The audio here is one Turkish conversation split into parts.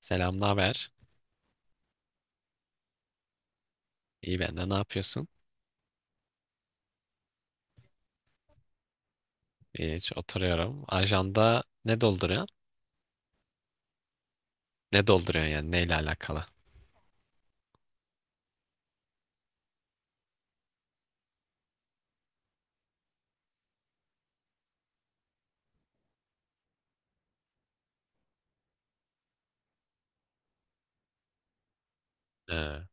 Selam, ne haber? İyi ben de ne yapıyorsun? Hiç oturuyorum. Ajanda ne dolduruyor? Ne dolduruyor yani neyle alakalı? Ee,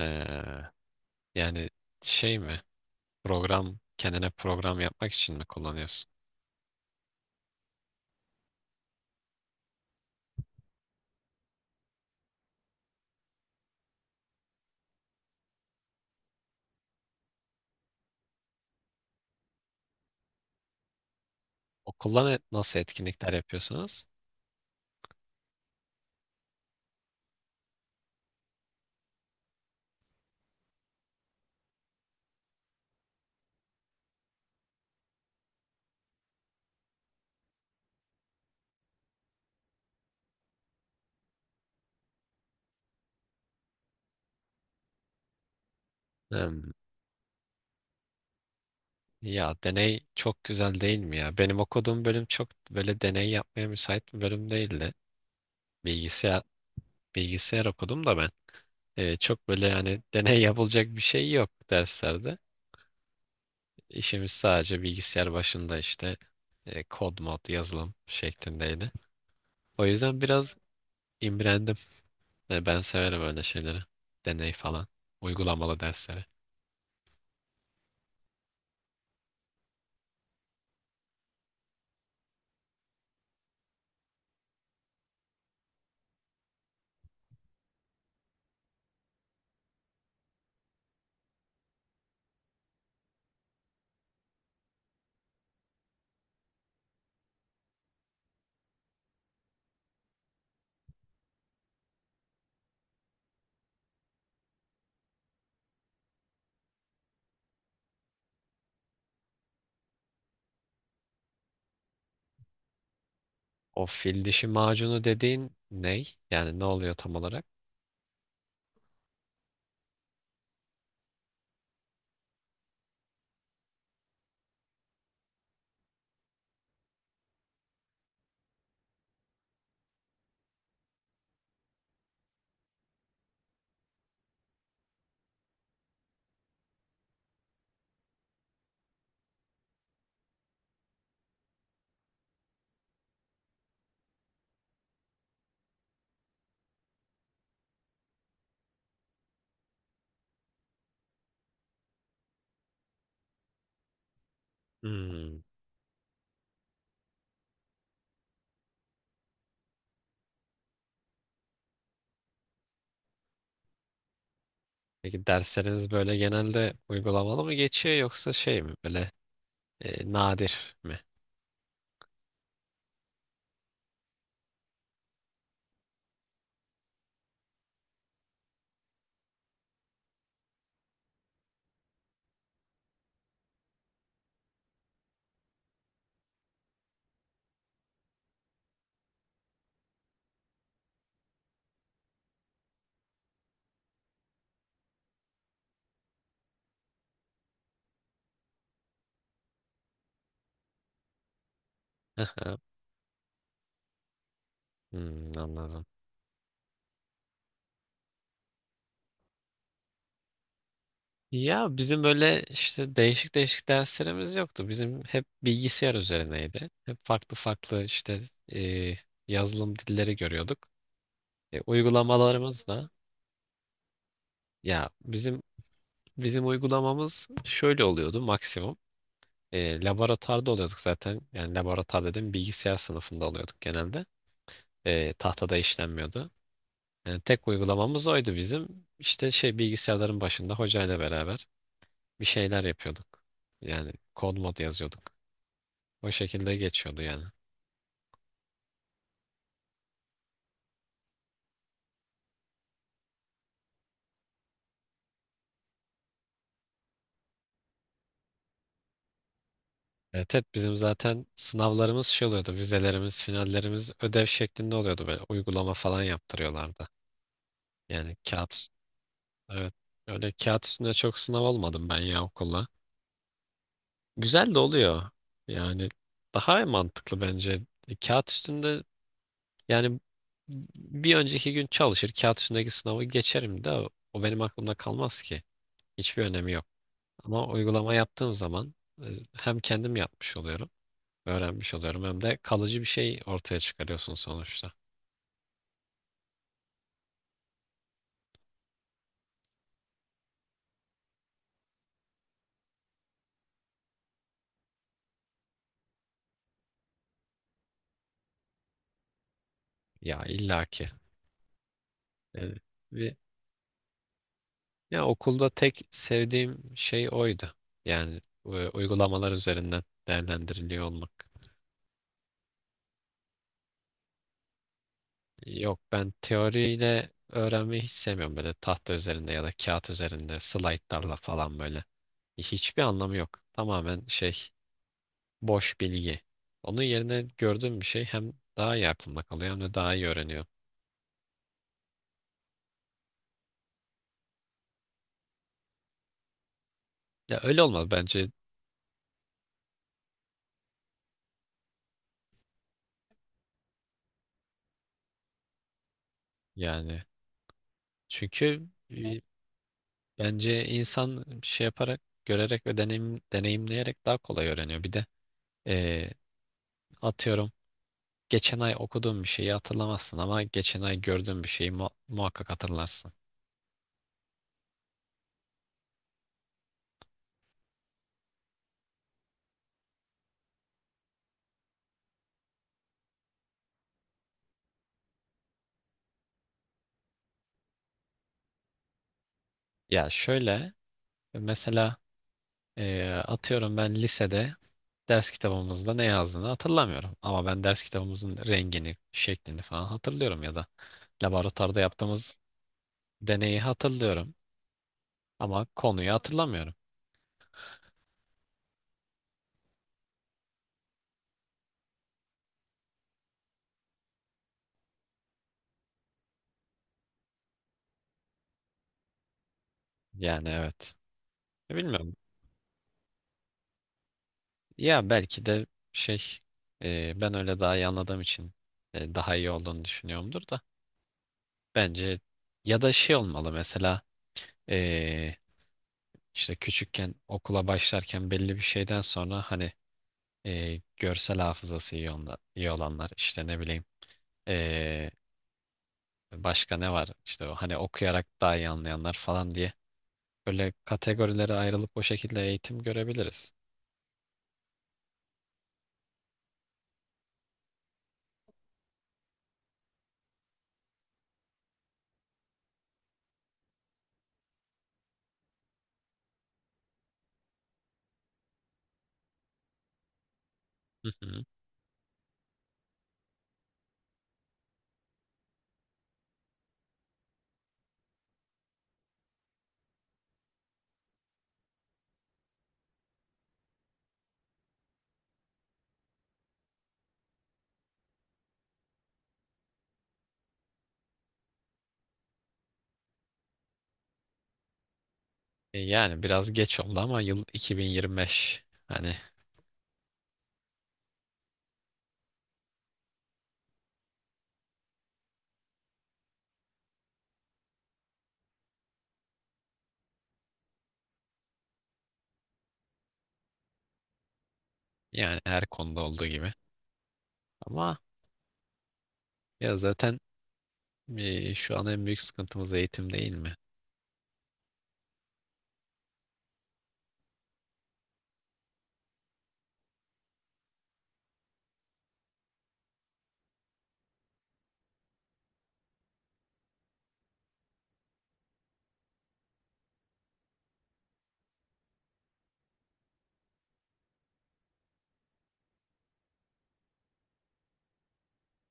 ee, yani şey mi? Program kendine program yapmak için mi kullanıyorsun? Okulla nasıl etkinlikler yapıyorsunuz? Hmm. Ya deney çok güzel değil mi ya? Benim okuduğum bölüm çok böyle deney yapmaya müsait bir bölüm değildi. Bilgisayar bilgisayar okudum da ben. Çok böyle yani deney yapılacak bir şey yok derslerde. İşimiz sadece bilgisayar başında işte kod mod yazılım şeklindeydi. O yüzden biraz imrendim. E, ben severim öyle şeyleri. Deney falan. Uygulamalı dersleri. O fil dişi macunu dediğin ney? Yani ne oluyor tam olarak? Hmm. Peki dersleriniz böyle genelde uygulamalı mı geçiyor yoksa şey mi böyle nadir mi? Hmm, anladım. Ya bizim böyle işte değişik değişik derslerimiz yoktu. Bizim hep bilgisayar üzerineydi. Hep farklı farklı işte e, yazılım dilleri görüyorduk. E, uygulamalarımız da ya bizim uygulamamız şöyle oluyordu maksimum. E, laboratuvarda oluyorduk zaten. Yani laboratuvar dedim bilgisayar sınıfında oluyorduk genelde. E, tahtada işlenmiyordu. Yani tek uygulamamız oydu bizim. İşte şey bilgisayarların başında hocayla beraber bir şeyler yapıyorduk. Yani kod mod yazıyorduk. O şekilde geçiyordu yani. Evet, evet bizim zaten sınavlarımız şey oluyordu. Vizelerimiz, finallerimiz ödev şeklinde oluyordu. Böyle uygulama falan yaptırıyorlardı. Yani kağıt, evet. Öyle kağıt üstünde çok sınav olmadım ben ya okulla. Güzel de oluyor. Yani daha mantıklı bence. E, kağıt üstünde yani bir önceki gün çalışır kağıt üstündeki sınavı geçerim de o benim aklımda kalmaz ki. Hiçbir önemi yok. Ama uygulama yaptığım zaman e, hem kendim yapmış oluyorum, öğrenmiş oluyorum hem de kalıcı bir şey ortaya çıkarıyorsun sonuçta. Ya illaki. Yani bir, ya okulda tek sevdiğim şey oydu. Yani uygulamalar üzerinden değerlendiriliyor olmak. Yok ben teoriyle öğrenmeyi hiç sevmiyorum böyle tahta üzerinde ya da kağıt üzerinde slaytlarla falan böyle. Hiçbir anlamı yok. Tamamen şey boş bilgi. Onun yerine gördüğüm bir şey hem daha iyi aklımda kalıyor hem de daha iyi öğreniyorum. Ya öyle olmalı bence yani. Çünkü bence insan şey yaparak, görerek ve deneyimleyerek daha kolay öğreniyor. Bir de e, atıyorum geçen ay okuduğum bir şeyi hatırlamazsın ama geçen ay gördüğün bir şeyi muhakkak hatırlarsın. Ya şöyle mesela atıyorum ben lisede ders kitabımızda ne yazdığını hatırlamıyorum. Ama ben ders kitabımızın rengini, şeklini falan hatırlıyorum ya da laboratuvarda yaptığımız deneyi hatırlıyorum. Ama konuyu hatırlamıyorum. Yani evet. Bilmiyorum. Ya belki de şey ben öyle daha iyi anladığım için daha iyi olduğunu düşünüyorumdur da. Bence ya da şey olmalı mesela e, işte küçükken okula başlarken belli bir şeyden sonra hani görsel hafızası iyi, onlar, iyi olanlar işte ne bileyim, eee, başka ne var? İşte o hani okuyarak daha iyi anlayanlar falan diye. Böyle kategorilere ayrılıp o şekilde eğitim görebiliriz. Hı hı. E yani biraz geç oldu ama yıl 2025. Hani yani her konuda olduğu gibi. Ama ya zaten şu an en büyük sıkıntımız eğitim değil mi?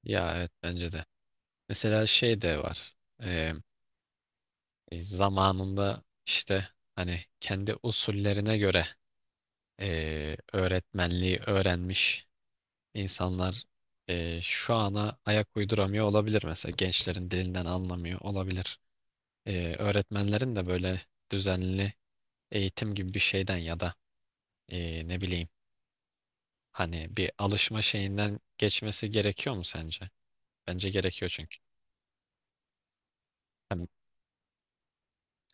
Ya evet bence de. Mesela şey de var. E, zamanında işte hani kendi usullerine göre öğretmenliği öğrenmiş İnsanlar şu ana ayak uyduramıyor olabilir mesela gençlerin dilinden anlamıyor olabilir. Öğretmenlerin de böyle düzenli eğitim gibi bir şeyden ya da ne bileyim hani bir alışma şeyinden geçmesi gerekiyor mu sence? Bence gerekiyor çünkü. Hani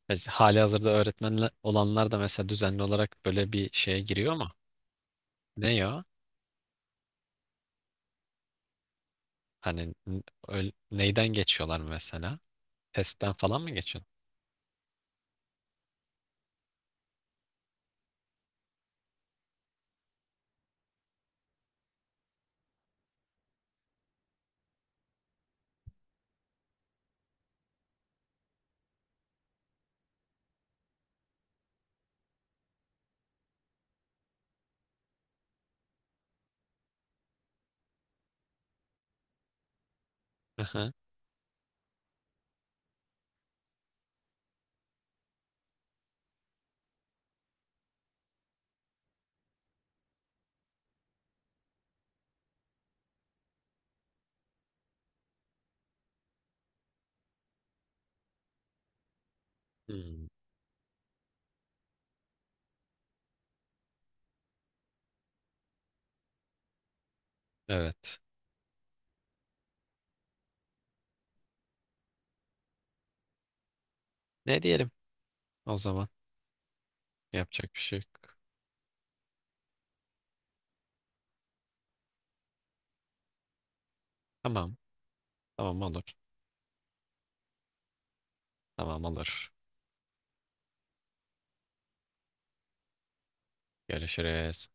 hali hazırda öğretmen olanlar da mesela düzenli olarak böyle bir şeye giriyor mu? Ne ya? Hani neyden geçiyorlar mesela? Testten falan mı geçiyorlar? Hı. Hmm. Evet. Ne diyelim o zaman? Yapacak bir şey yok. Tamam. Tamam olur. Tamam olur. Görüşürüz.